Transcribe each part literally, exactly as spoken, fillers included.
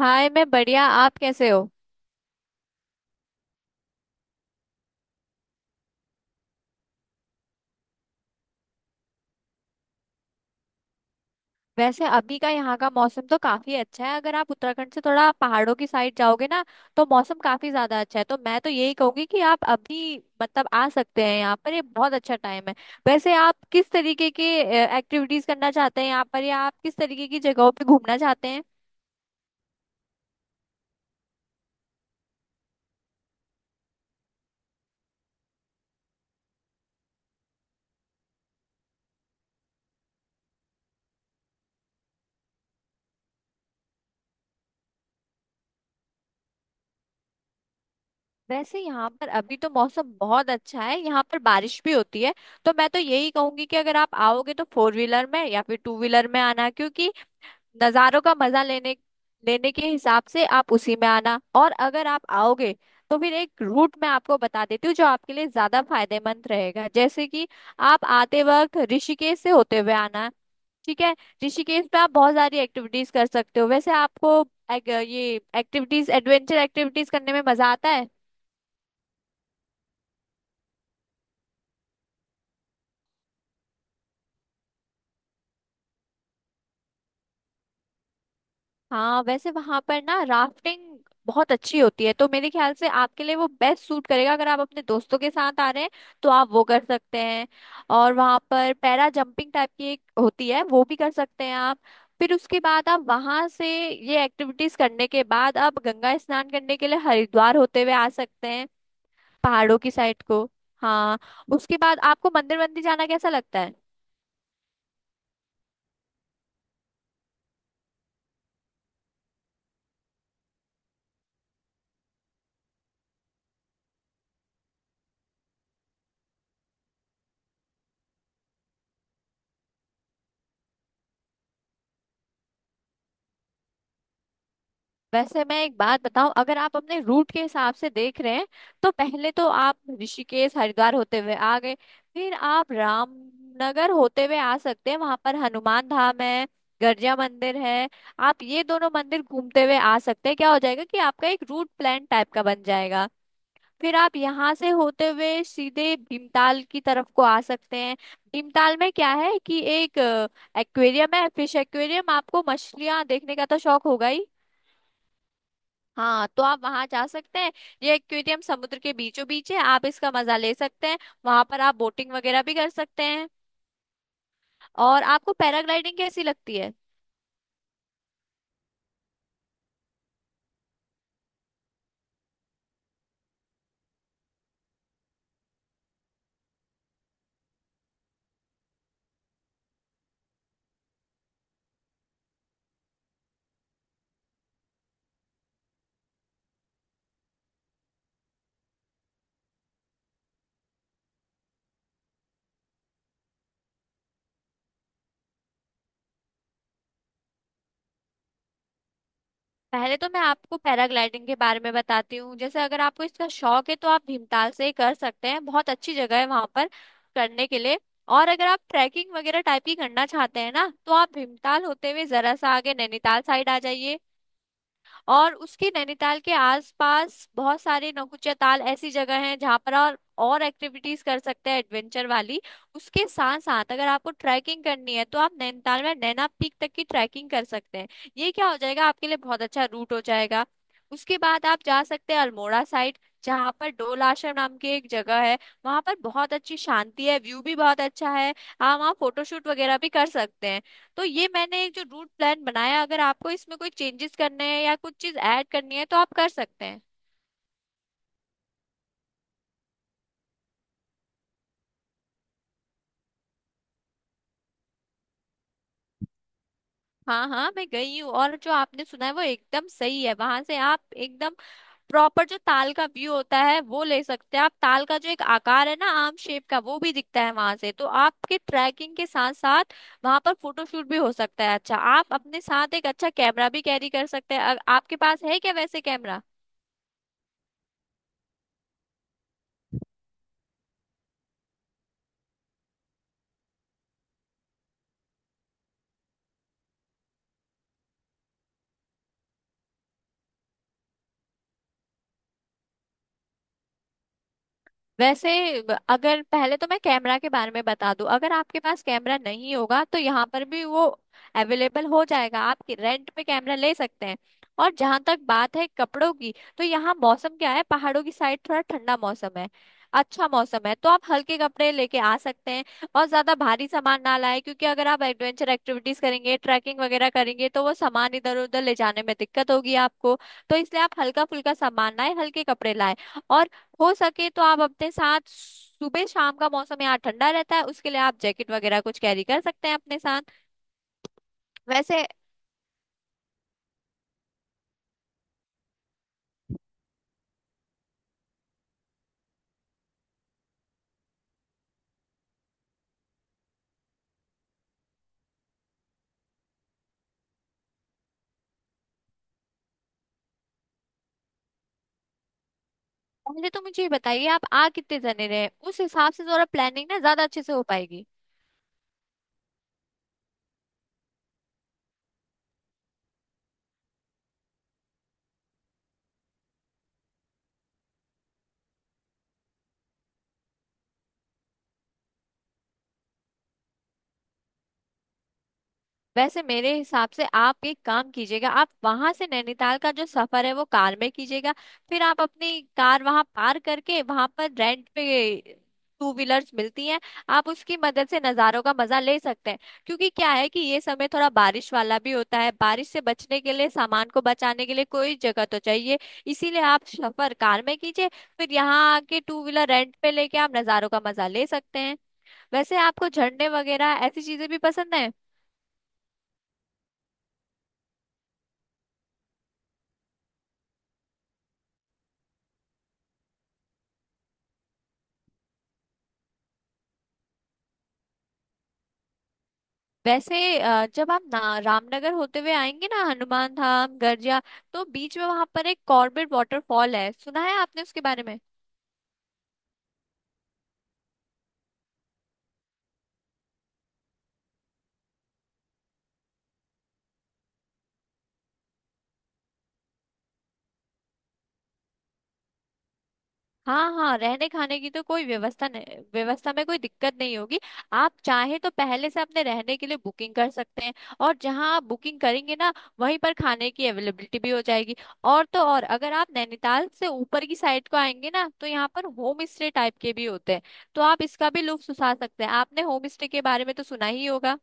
हाय, मैं बढ़िया। आप कैसे हो? वैसे अभी का यहाँ का मौसम तो काफी अच्छा है। अगर आप उत्तराखंड से थोड़ा पहाड़ों की साइड जाओगे ना, तो मौसम काफी ज्यादा अच्छा है। तो मैं तो यही कहूंगी कि आप अभी मतलब आ सकते हैं यहाँ पर। ये बहुत अच्छा टाइम है। वैसे आप किस तरीके की एक्टिविटीज करना चाहते हैं यहाँ पर, या आप किस तरीके की जगहों पे घूमना चाहते हैं? वैसे यहाँ पर अभी तो मौसम बहुत अच्छा है। यहाँ पर बारिश भी होती है। तो मैं तो यही कहूंगी कि अगर आप आओगे तो फोर व्हीलर में या फिर टू व्हीलर में आना, क्योंकि नज़ारों का मजा लेने लेने के हिसाब से आप उसी में आना। और अगर आप आओगे, तो फिर एक रूट मैं आपको बता देती हूँ जो आपके लिए ज्यादा फायदेमंद रहेगा। जैसे कि आप आते वक्त ऋषिकेश से होते हुए आना, ठीक है? ऋषिकेश में आप बहुत सारी एक्टिविटीज कर सकते हो। वैसे आपको एक, ये एक्टिविटीज, एडवेंचर एक्टिविटीज करने में मजा आता है? हाँ, वैसे वहां पर ना राफ्टिंग बहुत अच्छी होती है, तो मेरे ख्याल से आपके लिए वो बेस्ट सूट करेगा। अगर आप अपने दोस्तों के साथ आ रहे हैं, तो आप वो कर सकते हैं। और वहां पर पैरा जंपिंग टाइप की एक होती है, वो भी कर सकते हैं आप। फिर उसके बाद आप वहां से ये एक्टिविटीज करने के बाद आप गंगा स्नान करने के लिए हरिद्वार होते हुए आ सकते हैं। पहाड़ों की साइड को। हाँ, उसके बाद आपको मंदिर मंदिर जाना कैसा लगता है? वैसे मैं एक बात बताऊं, अगर आप अपने रूट के हिसाब से देख रहे हैं, तो पहले तो आप ऋषिकेश हरिद्वार होते हुए आ गए। फिर आप रामनगर होते हुए आ सकते हैं। वहां पर हनुमान धाम है, गर्जिया मंदिर है। आप ये दोनों मंदिर घूमते हुए आ सकते हैं। क्या हो जाएगा कि आपका एक रूट प्लान टाइप का बन जाएगा। फिर आप यहाँ से होते हुए सीधे भीमताल की तरफ को आ सकते हैं। भीमताल में क्या है कि एक एक्वेरियम है, फिश एक्वेरियम। आपको मछलियां देखने का तो शौक होगा ही। हाँ, तो आप वहां जा सकते हैं। ये एक्वेरियम समुद्र के बीचों बीच है, आप इसका मजा ले सकते हैं। वहां पर आप बोटिंग वगैरह भी कर सकते हैं। और आपको पैराग्लाइडिंग कैसी लगती है? पहले तो मैं आपको पैराग्लाइडिंग के बारे में बताती हूँ। जैसे अगर आपको इसका शौक है तो आप भीमताल से ही कर सकते हैं। बहुत अच्छी जगह है वहां पर करने के लिए। और अगर आप ट्रैकिंग वगैरह टाइप की करना चाहते हैं ना, तो आप भीमताल होते हुए जरा सा आगे नैनीताल साइड आ जाइए। और उसके नैनीताल के आसपास बहुत सारे नौकुचिया ताल ऐसी जगह हैं जहाँ पर और और एक्टिविटीज कर सकते हैं एडवेंचर वाली। उसके साथ साथ अगर आपको ट्रैकिंग करनी है, तो आप नैनीताल में नैना पीक तक की ट्रैकिंग कर सकते हैं। ये क्या हो जाएगा, आपके लिए बहुत अच्छा रूट हो जाएगा। उसके बाद आप जा सकते हैं अल्मोड़ा साइड, जहाँ पर डोल आश्रम नाम की एक जगह है। वहां पर बहुत अच्छी शांति है, व्यू भी बहुत अच्छा है। आप वहाँ फोटोशूट वगैरह भी कर सकते हैं। तो ये मैंने एक जो रूट प्लान बनाया, अगर आपको इसमें कोई चेंजेस करने हैं या कुछ चीज ऐड करनी है तो आप कर सकते हैं। हाँ हाँ, मैं गई हूँ, और जो आपने सुना है वो एकदम सही है। वहां से आप एकदम प्रॉपर जो ताल का व्यू होता है वो ले सकते हैं। आप ताल का जो एक आकार है ना, आम शेप का, वो भी दिखता है वहां से। तो आपके ट्रैकिंग के साथ साथ वहां पर फोटोशूट भी हो सकता है। अच्छा, आप अपने साथ एक अच्छा कैमरा भी कैरी कर सकते हैं। अ- आपके पास है क्या वैसे कैमरा? वैसे ब- अगर, पहले तो मैं कैमरा के बारे में बता दूं, अगर आपके पास कैमरा नहीं होगा तो यहाँ पर भी वो अवेलेबल हो जाएगा। आप रेंट पे कैमरा ले सकते हैं। और जहां तक बात है कपड़ों की, तो यहाँ मौसम क्या है, पहाड़ों की साइड थोड़ा ठंडा मौसम है, अच्छा मौसम है। तो आप हल्के कपड़े लेके आ सकते हैं। और ज्यादा भारी सामान ना लाए, क्योंकि अगर आप एडवेंचर एक्टिविटीज करेंगे, ट्रैकिंग वगैरह करेंगे, तो वो सामान इधर उधर ले जाने में दिक्कत होगी आपको। तो इसलिए आप हल्का फुल्का सामान लाए, हल्के कपड़े लाए। हो सके तो आप अपने साथ, सुबह शाम का मौसम यहाँ ठंडा रहता है, उसके लिए आप जैकेट वगैरह कुछ कैरी कर सकते हैं अपने साथ। वैसे पहले तो मुझे ये बताइए, आप आ कितने जने रहे हैं? उस हिसाब से जरा प्लानिंग ना ज्यादा अच्छे से हो पाएगी। वैसे मेरे हिसाब से आप एक काम कीजिएगा, आप वहां से नैनीताल का जो सफर है वो कार में कीजिएगा। फिर आप अपनी कार वहां पार करके, वहां पर रेंट पे टू व्हीलर्स मिलती हैं, आप उसकी मदद से नज़ारों का मजा ले सकते हैं। क्योंकि क्या है कि ये समय थोड़ा बारिश वाला भी होता है, बारिश से बचने के लिए, सामान को बचाने के लिए कोई जगह तो चाहिए। इसीलिए आप सफर कार में कीजिए। फिर यहाँ आके टू व्हीलर रेंट पे लेके आप नज़ारों का मजा ले सकते हैं। वैसे आपको झरने वगैरह ऐसी चीजें भी पसंद है? वैसे अ, जब आप ना रामनगर होते हुए आएंगे ना, हनुमान धाम गर्जिया, तो बीच में वहां पर एक कॉर्बेट वाटरफॉल है। सुना है आपने उसके बारे में? हाँ हाँ, रहने खाने की तो कोई व्यवस्था नहीं, व्यवस्था में कोई दिक्कत नहीं होगी। आप चाहे तो पहले से अपने रहने के लिए बुकिंग कर सकते हैं। और जहाँ आप बुकिंग करेंगे ना, वहीं पर खाने की अवेलेबिलिटी भी हो जाएगी। और तो और, अगर आप नैनीताल से ऊपर की साइड को आएंगे ना, तो यहाँ पर होम स्टे टाइप के भी होते हैं। तो आप इसका भी लुत्फ उठा सकते हैं। आपने होम स्टे के बारे में तो सुना ही होगा।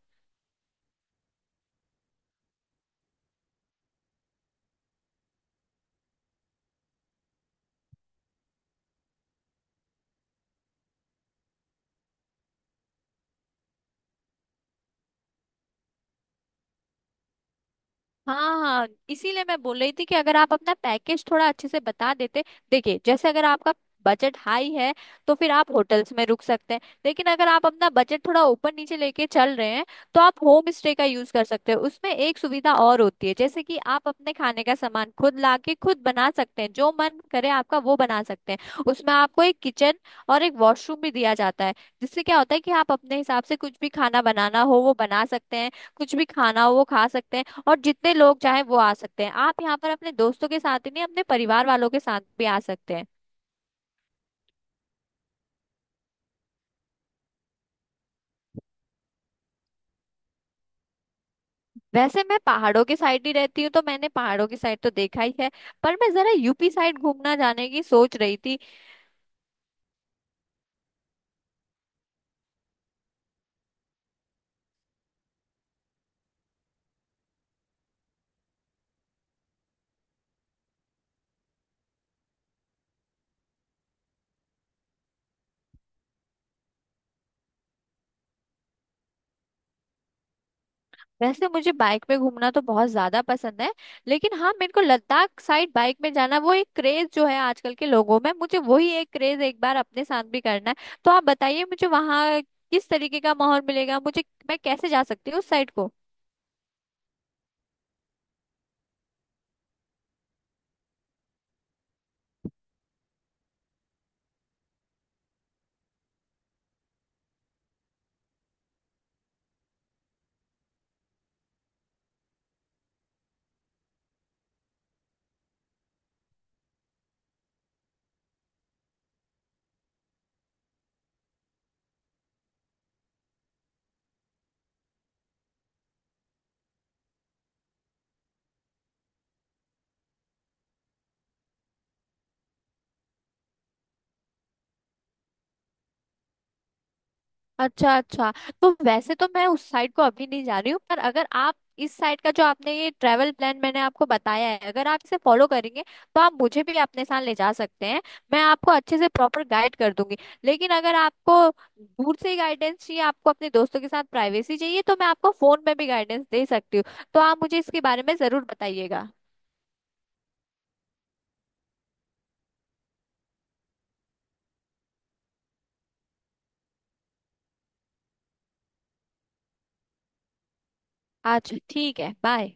हाँ हाँ, इसीलिए मैं बोल रही थी कि अगर आप अपना पैकेज थोड़ा अच्छे से बता देते। देखिए, जैसे अगर आपका बजट हाई है, तो फिर आप होटल्स में रुक सकते हैं। लेकिन अगर आप अपना बजट थोड़ा ऊपर नीचे लेके चल रहे हैं, तो आप होम स्टे का यूज कर सकते हैं। उसमें एक सुविधा और होती है, जैसे कि आप अपने खाने का सामान खुद लाके खुद बना सकते हैं। जो मन करे आपका वो बना सकते हैं। उसमें आपको एक किचन और एक वॉशरूम भी दिया जाता है, जिससे क्या होता है कि आप अपने हिसाब से कुछ भी खाना बनाना हो वो बना सकते हैं, कुछ भी खाना हो वो खा सकते हैं। और जितने लोग चाहे वो आ सकते हैं। आप यहाँ पर अपने दोस्तों के साथ ही नहीं, अपने परिवार वालों के साथ भी आ सकते हैं। वैसे मैं पहाड़ों की साइड ही रहती हूँ, तो मैंने पहाड़ों की साइड तो देखा ही है। पर मैं जरा यू पी साइड घूमना जाने की सोच रही थी। वैसे मुझे बाइक में घूमना तो बहुत ज्यादा पसंद है। लेकिन हाँ, मेरे को लद्दाख साइड बाइक में जाना, वो एक क्रेज जो है आजकल के लोगों में, मुझे वही एक क्रेज एक बार अपने साथ भी करना है। तो आप बताइए मुझे, वहाँ किस तरीके का माहौल मिलेगा मुझे? मैं कैसे जा सकती हूँ उस साइड को? अच्छा अच्छा। तो वैसे तो मैं उस साइड को अभी नहीं जा रही हूँ, पर अगर आप इस साइड का जो आपने, ये ट्रैवल प्लान मैंने आपको बताया है, अगर आप इसे फॉलो करेंगे, तो आप मुझे भी अपने साथ ले जा सकते हैं। मैं आपको अच्छे से प्रॉपर गाइड कर दूंगी। लेकिन अगर आपको दूर से ही गाइडेंस चाहिए, आपको अपने दोस्तों के साथ प्राइवेसी चाहिए, तो मैं आपको फोन में भी गाइडेंस दे सकती हूँ। तो आप मुझे इसके बारे में जरूर बताइएगा। अच्छा, ठीक है, बाय।